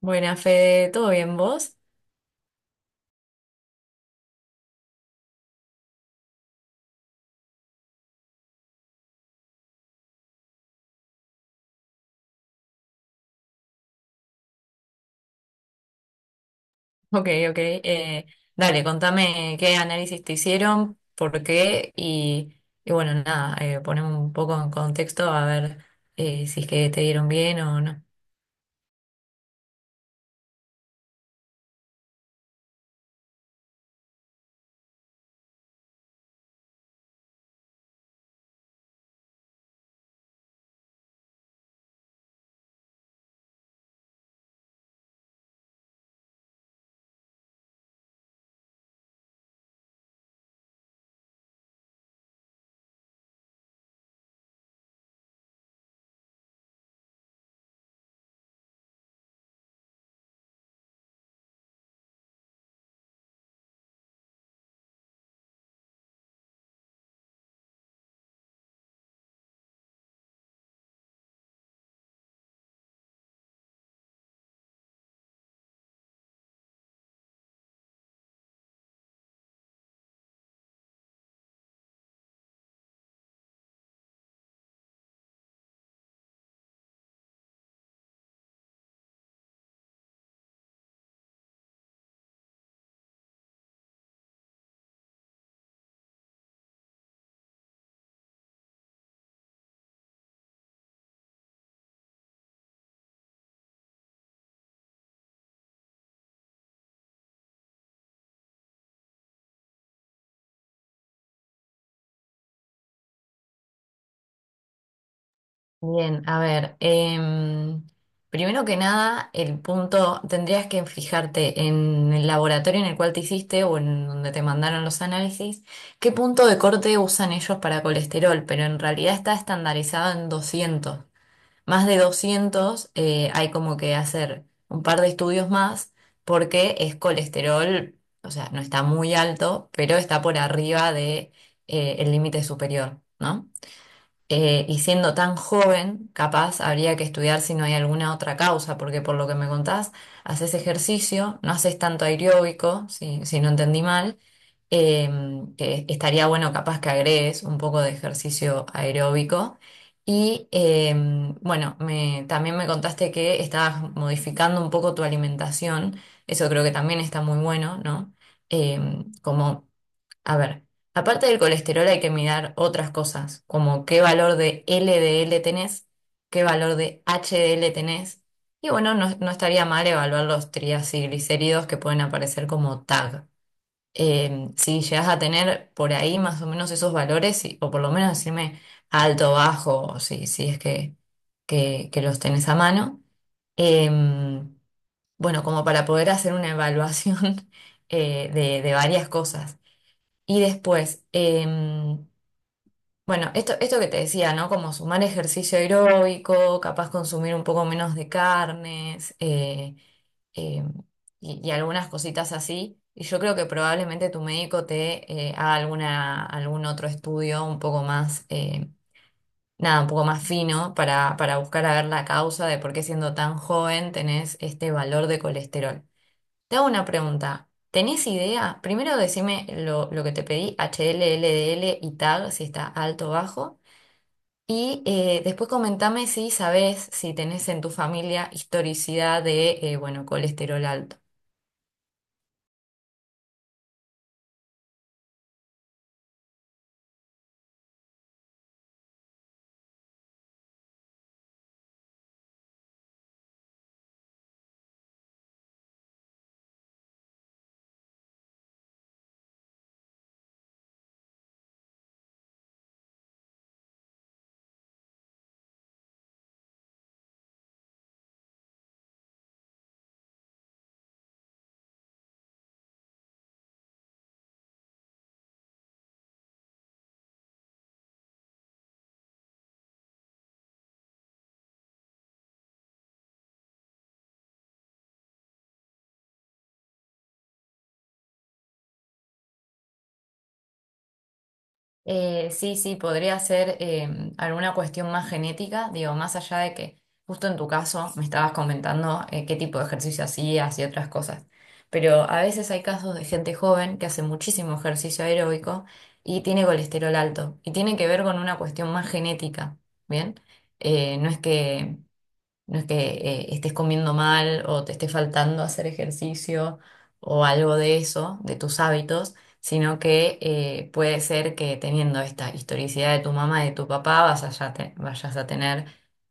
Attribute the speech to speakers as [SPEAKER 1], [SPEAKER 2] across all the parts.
[SPEAKER 1] Buena, Fede, ¿todo bien vos? Ok, ok. Dale, contame qué análisis te hicieron, por qué y bueno, nada, poneme un poco en contexto a ver si es que te dieron bien o no. Bien, a ver, primero que nada, el punto, tendrías que fijarte en el laboratorio en el cual te hiciste o en donde te mandaron los análisis, qué punto de corte usan ellos para colesterol, pero en realidad está estandarizado en 200. Más de 200 hay como que hacer un par de estudios más porque es colesterol, o sea, no está muy alto, pero está por arriba de, el límite superior, ¿no? Y siendo tan joven, capaz habría que estudiar si no hay alguna otra causa, porque por lo que me contás, haces ejercicio, no haces tanto aeróbico, si no entendí mal, que estaría bueno capaz que agregues un poco de ejercicio aeróbico. Y em, bueno, me, también me contaste que estabas modificando un poco tu alimentación, eso creo que también está muy bueno, ¿no? Em, como a ver, aparte del colesterol hay que mirar otras cosas, como qué valor de LDL tenés, qué valor de HDL tenés, y bueno, no, no estaría mal evaluar los triacilglicéridos que pueden aparecer como tag. Si llegas a tener por ahí más o menos esos valores, y- o por lo menos decirme alto, bajo, o si, si es que los tenés a mano. Em, bueno, como para poder hacer una evaluación de varias cosas. Y después, em, bueno, esto que te decía, ¿no? Como sumar ejercicio aeróbico, capaz consumir un poco menos de carnes em, y algunas cositas así. Y yo creo que probablemente tu médico te haga alguna, algún otro estudio un poco más, nada, un poco más fino para buscar a ver la causa de por qué siendo tan joven tenés este valor de colesterol. Te hago una pregunta. ¿Tenés idea? Primero decime lo que te pedí, H L L D L y tag, si está alto o bajo. Y después comentame si sabés, si tenés en tu familia historicidad de, bueno, colesterol alto. Sí, sí, podría ser alguna cuestión más genética, digo, más allá de que justo en tu caso me estabas comentando qué tipo de ejercicio hacías y otras cosas, pero a veces hay casos de gente joven que hace muchísimo ejercicio aeróbico y tiene colesterol alto y tiene que ver con una cuestión más genética, ¿bien? Eh, no es que no es que estés comiendo mal o te esté faltando hacer ejercicio o algo de eso, de tus hábitos, sino que puede ser que teniendo esta historicidad de tu mamá y de tu papá vas a ya te- vayas a tener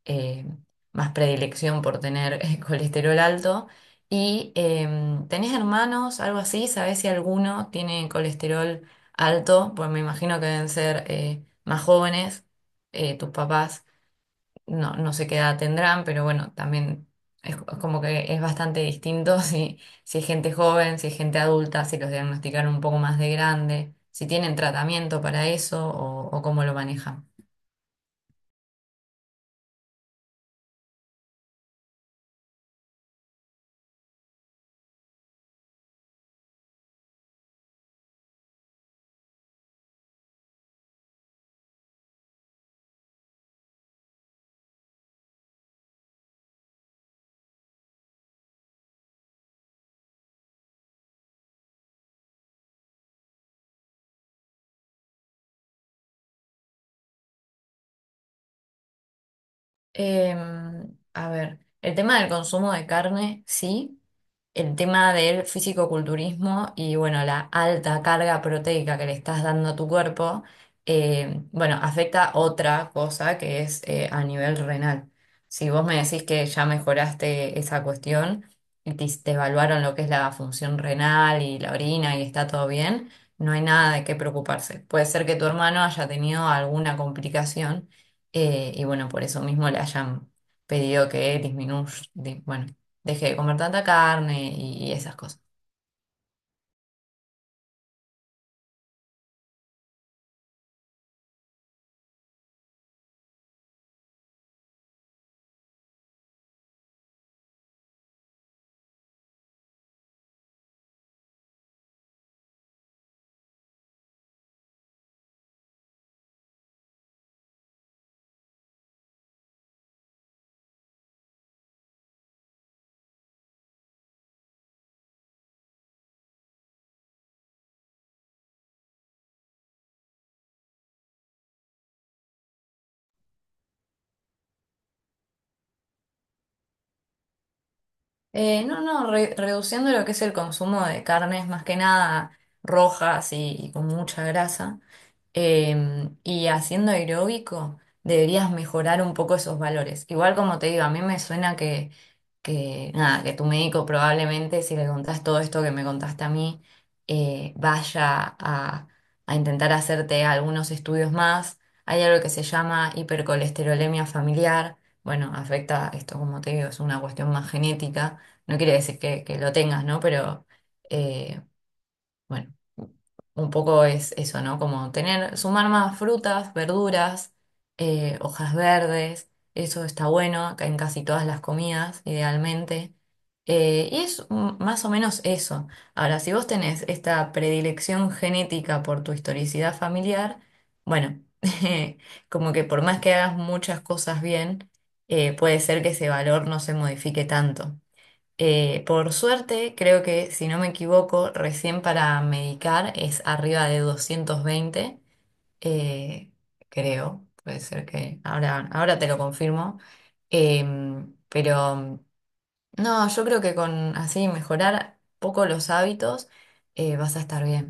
[SPEAKER 1] eh, más predilección por tener colesterol alto. Y em, ¿tenés hermanos, algo así? ¿Sabés si alguno tiene colesterol alto? Pues me imagino que deben ser más jóvenes tus papás. No, no sé qué edad tendrán, pero bueno, también es, co- como que es bastante distinto si, si es gente joven, si es gente adulta, si los diagnosticaron un poco más de grande, si tienen tratamiento para eso o cómo lo manejan. Em, a ver, el tema del consumo de carne, sí. El tema del fisicoculturismo y bueno, la alta carga proteica que le estás dando a tu cuerpo, em, bueno, afecta otra cosa que es a nivel renal. Si vos me decís que ya mejoraste esa cuestión y te evaluaron lo que es la función renal y la orina y está todo bien, no hay nada de qué preocuparse. Puede ser que tu hermano haya tenido alguna complicación y bueno, por eso mismo le hayan pedido que disminuya, di- bueno, deje de comer tanta carne y esas cosas. No, no, re- reduciendo lo que es el consumo de carnes, más que nada rojas y con mucha grasa. Y haciendo aeróbico deberías mejorar un poco esos valores. Igual como te digo, a mí me suena que, nada, que tu médico probablemente, si le contás todo esto que me contaste a mí, vaya a intentar hacerte algunos estudios más. Hay algo que se llama hipercolesterolemia familiar. Bueno, afecta, esto como te digo, es una cuestión más genética. No quiere decir que lo tengas, ¿no? Pero... eh, bueno, un poco es eso, ¿no? Como tener, sumar más frutas, verduras, hojas verdes, eso está bueno, acá en casi todas las comidas, idealmente. Y es mm, más o menos eso. Ahora, si vos tenés esta predilección genética por tu historicidad familiar, bueno, como que por más que hagas muchas cosas bien, puede ser que ese valor no se modifique tanto. Por suerte, creo que, si no me equivoco, recién para medicar es arriba de 220, eh, creo, puede ser que, ahora, ahora te lo confirmo. Em, pero no, yo creo que con así mejorar poco los hábitos, vas a estar bien.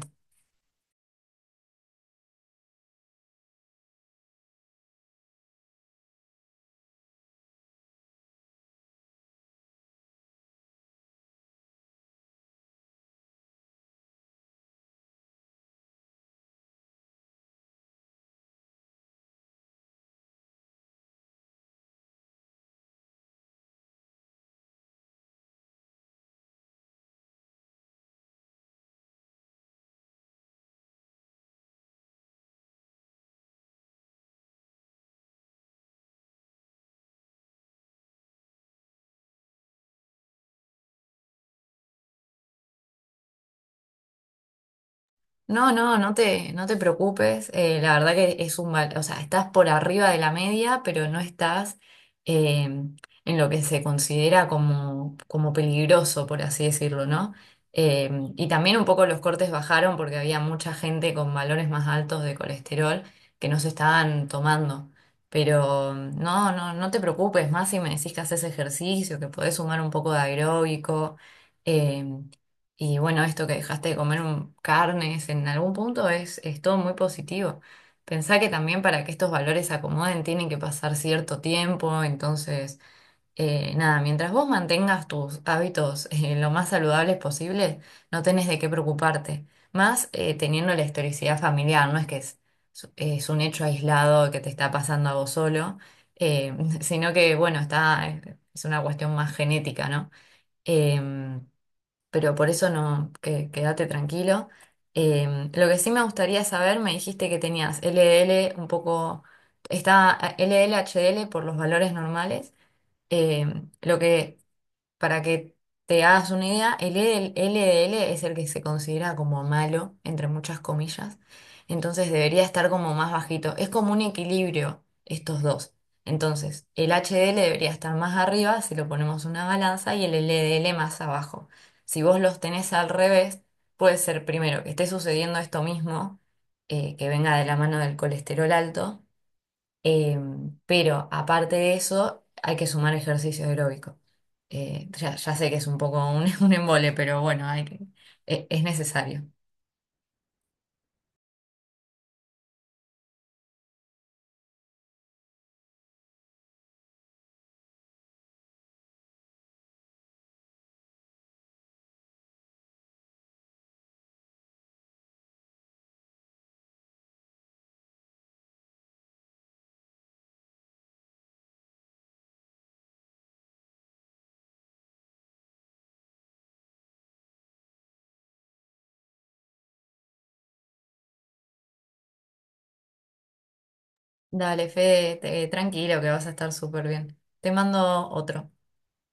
[SPEAKER 1] No, no, no te preocupes. Eh, la verdad que es un val- o sea, estás por arriba de la media, pero no estás en lo que se considera como, como peligroso, por así decirlo, ¿no? Eh, y también un poco los cortes bajaron porque había mucha gente con valores más altos de colesterol que no se estaban tomando. Pero no, no, no te preocupes, más si me decís que haces ejercicio, que podés sumar un poco de aeróbico. Eh, y bueno, esto que dejaste de comer un- carnes en algún punto es todo muy positivo. Pensá que también para que estos valores se acomoden tienen que pasar cierto tiempo, entonces, nada, mientras vos mantengas tus hábitos lo más saludables posible, no tenés de qué preocuparte. Más teniendo la historicidad familiar, no es que es un hecho aislado que te está pasando a vos solo, eh, sino que, bueno, está, es una cuestión más genética, ¿no? Em, pero por eso no, que, quédate tranquilo. Em, lo que sí me gustaría saber, me dijiste que tenías L D L un poco, está LDL, L H D L por los valores normales. Em, lo que para que te hagas una idea, el LDL es el que se considera como malo, entre muchas comillas. Entonces debería estar como más bajito. Es como un equilibrio estos dos. Entonces, el HDL debería estar más arriba si lo ponemos en una balanza y el LDL más abajo. Si vos los tenés al revés, puede ser primero que esté sucediendo esto mismo, que venga de la mano del colesterol alto. Em, pero aparte de eso, hay que sumar ejercicio aeróbico. Ya sé que es un poco un, un embole, pero bueno, hay que, e- es necesario. Dale, Fede, te- tranquilo que vas a estar súper bien. Te mando otro.